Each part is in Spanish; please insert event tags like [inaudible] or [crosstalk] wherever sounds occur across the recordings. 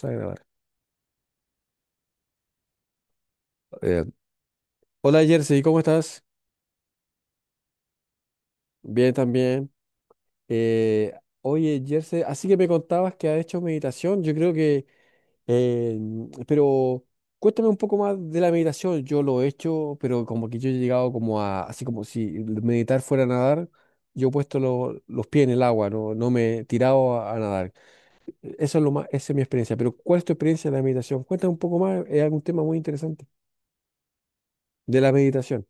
Vamos a grabar. Eh, Hola Jersey, ¿cómo estás? Bien también. Eh, Oye Jersey, así que me contabas que has hecho meditación, yo creo que, eh, pero cuéntame un poco más de la meditación, yo lo he hecho, pero como que yo he llegado como a, así como si meditar fuera a nadar, yo he puesto los pies en el agua, no me he tirado a nadar. Eso es lo más, esa es mi experiencia, pero ¿cuál es tu experiencia de la meditación? Cuéntame un poco más, es algún tema muy interesante de la meditación.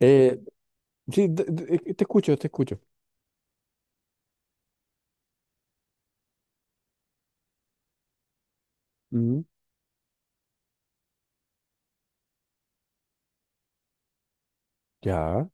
Eh, sí, te escucho, te escucho. Mm, ya.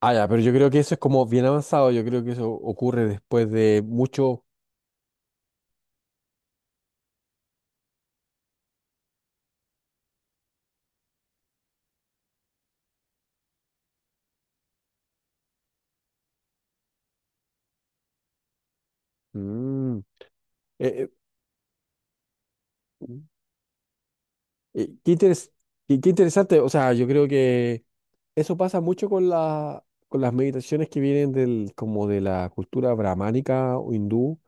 Ah, ya, pero yo creo que eso es como bien avanzado. Yo creo que eso ocurre después de mucho. Mm, eh, eh, Mm. eh, qué interes- Qué interesante. O sea, yo creo que eso pasa mucho con con las meditaciones que vienen del, como de la cultura brahmánica o hindú,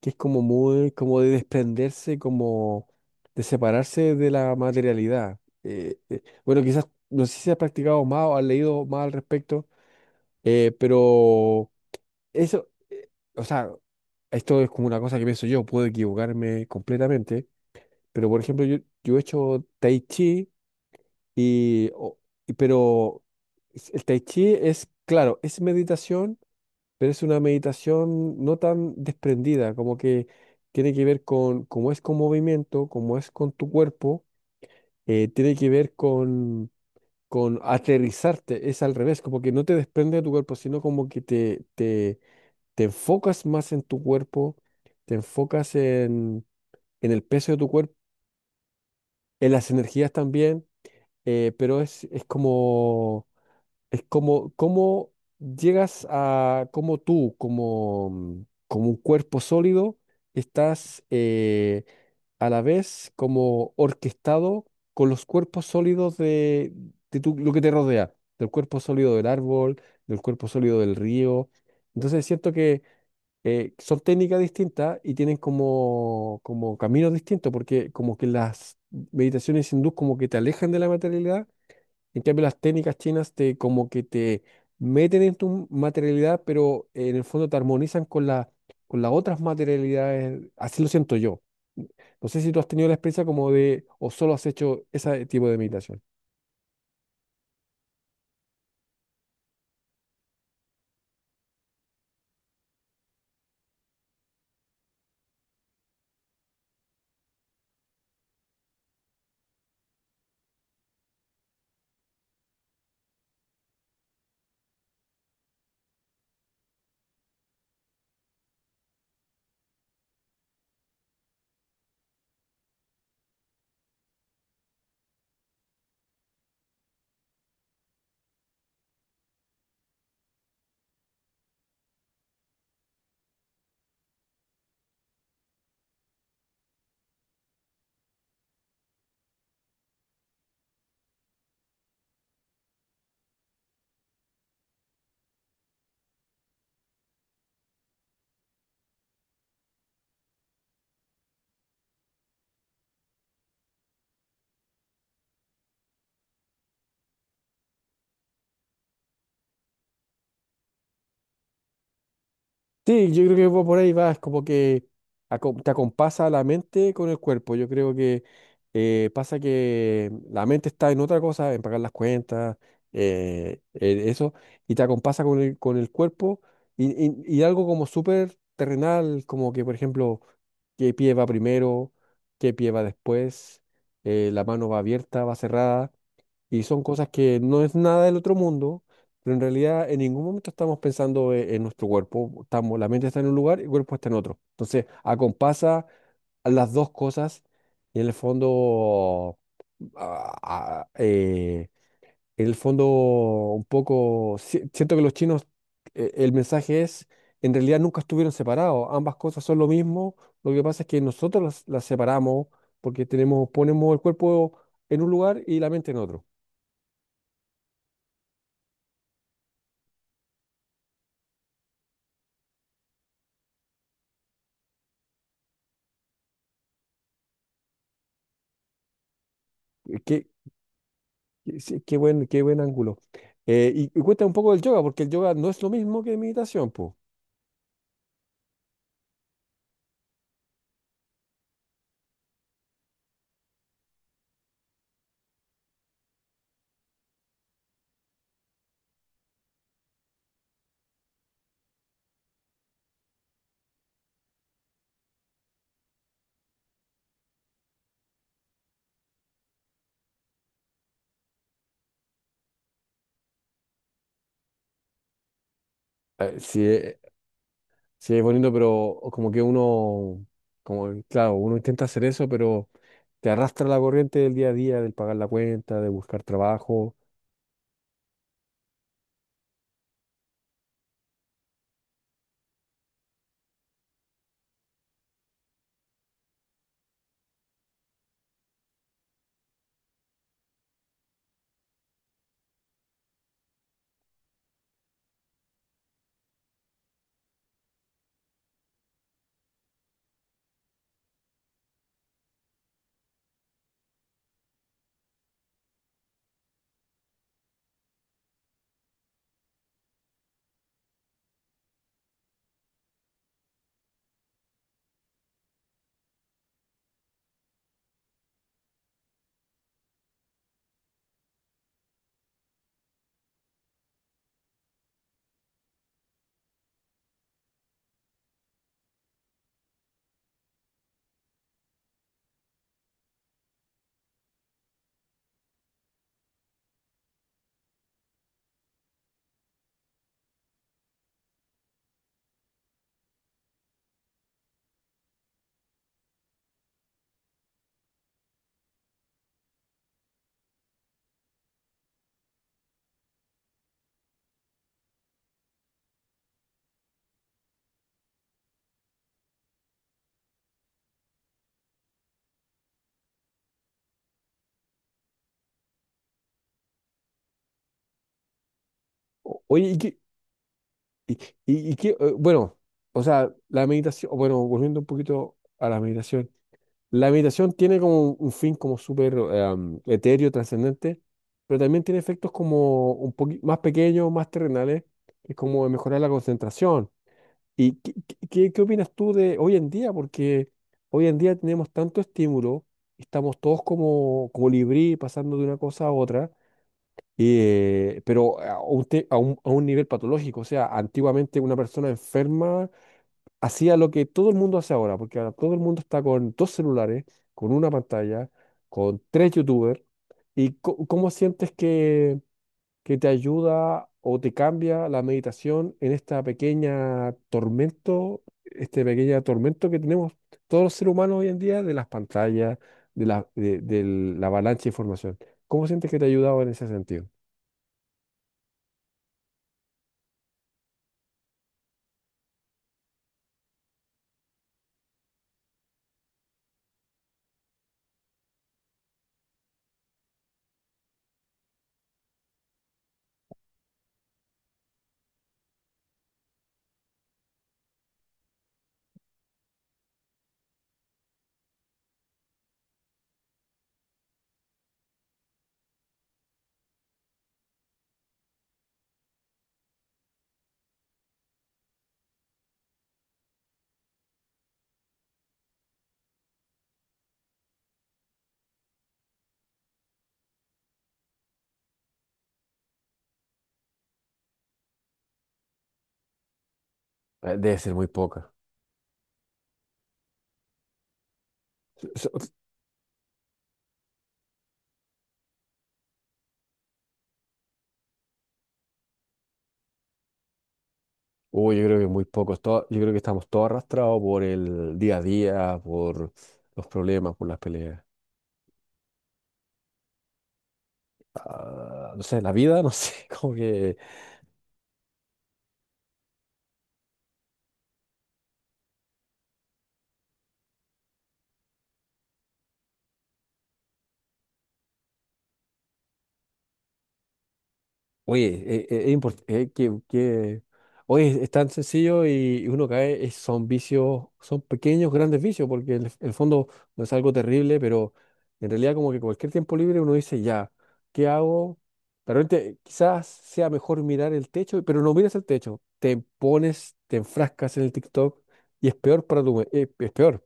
que es como muy, como de desprenderse, como de separarse de la materialidad. Bueno, quizás no sé si has practicado más o has leído más al respecto, pero. Eso, eh, o sea, esto es como una cosa que pienso yo, puedo equivocarme completamente, pero por ejemplo, yo he hecho tai chi y, o- pero el tai chi es, claro, es meditación, pero es una meditación no tan desprendida, como que tiene que ver con cómo es con movimiento, cómo es con tu cuerpo, tiene que ver con aterrizarte, es al revés, como que no te desprende de tu cuerpo, sino como que te te enfocas más en tu cuerpo, te enfocas en el peso de tu cuerpo, en las energías también, pero es como, cómo llegas a, como tú, como, como un cuerpo sólido, estás a la vez como orquestado con los cuerpos sólidos de, lo que te rodea, del cuerpo sólido del árbol, del cuerpo sólido del río. Entonces siento que son técnicas distintas y tienen como, como caminos distintos, porque como que las meditaciones hindús como que te alejan de la materialidad, en cambio las técnicas chinas te como que te meten en tu materialidad, pero en el fondo te armonizan con la, con las otras materialidades, así lo siento yo. No sé si tú has tenido la experiencia como de, o solo has hecho ese tipo de meditación. Sí, yo creo que va por ahí va, es como que te acompasa la mente con el cuerpo. Yo creo que pasa que la mente está en otra cosa, en pagar las cuentas, en eso, y te acompasa con el cuerpo y, y algo como súper terrenal, como que, por ejemplo, qué pie va primero, qué pie va después, la mano va abierta, va cerrada. Y son cosas que no es nada del otro mundo, pero en realidad en ningún momento estamos pensando en nuestro cuerpo. Estamos, la mente está en un lugar y el cuerpo está en otro. Entonces, acompasa a las dos cosas y en el fondo, ah, ah, eh, en el fondo un poco, siento que los chinos, el mensaje es, en realidad nunca estuvieron separados. Ambas cosas son lo mismo. Lo que pasa es que nosotros las separamos porque tenemos, ponemos el cuerpo en un lugar y la mente en otro. Qué, sí, qué buen ángulo. Y, y cuéntame un poco del yoga, porque el yoga no es lo mismo que meditación, pues. Sí, sí, es bonito, pero como que uno, como, claro, uno intenta hacer eso, pero te arrastra la corriente del día a día, del pagar la cuenta, de buscar trabajo. Oye, ¿y qué, y, y qué, bueno, o sea, la meditación, bueno, volviendo un poquito a la meditación. La meditación tiene como un fin como súper etéreo, trascendente, pero también tiene efectos como un poquito más pequeños, más terrenales, que es como mejorar la concentración. ¿Y qué, qué, qué opinas tú de hoy en día? Porque hoy en día tenemos tanto estímulo, estamos todos como, colibrí, pasando de una cosa a otra, pero a un, a un a un nivel patológico. O sea, antiguamente una persona enferma hacía lo que todo el mundo hace ahora, porque ahora todo el mundo está con dos celulares, con una pantalla, con tres YouTubers. ¿Y cómo sientes que te ayuda o te cambia la meditación en esta pequeña tormento, este pequeño tormento que tenemos todos los seres humanos hoy en día de las pantallas, de de la avalancha de información? ¿Cómo sientes que te ha ayudado en ese sentido? Debe ser muy poca. Uy, yo creo que muy pocos. Yo creo que estamos todos arrastrados por el día a día, por los problemas, por las peleas. Ah, no sé, la vida, no sé, [laughs] como que oye, es importante oye, es tan sencillo y uno cae, son vicios, son pequeños, grandes vicios, porque en el fondo no es algo terrible, pero en realidad como que cualquier tiempo libre uno dice, ya, ¿qué hago? De repente quizás sea mejor mirar el techo, pero no miras el techo, te pones, te enfrascas en el TikTok y es peor para tu, es peor.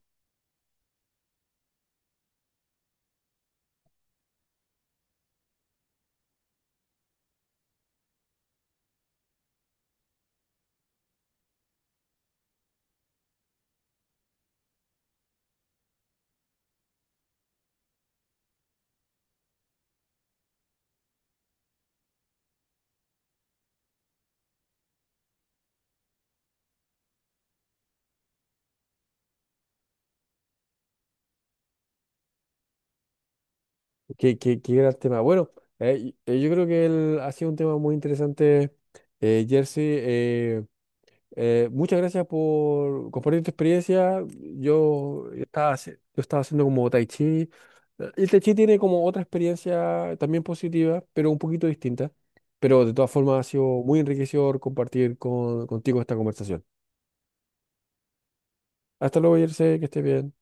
Qué, qué, qué gran tema. Bueno, yo creo que ha sido un tema muy interesante, Jersey. Muchas gracias por compartir tu experiencia. Yo estaba, yo estaba haciendo como tai chi. El tai chi tiene como otra experiencia también positiva, pero un poquito distinta. Pero de todas formas ha sido muy enriquecedor compartir contigo esta conversación. Hasta luego, Jersey, que estés bien.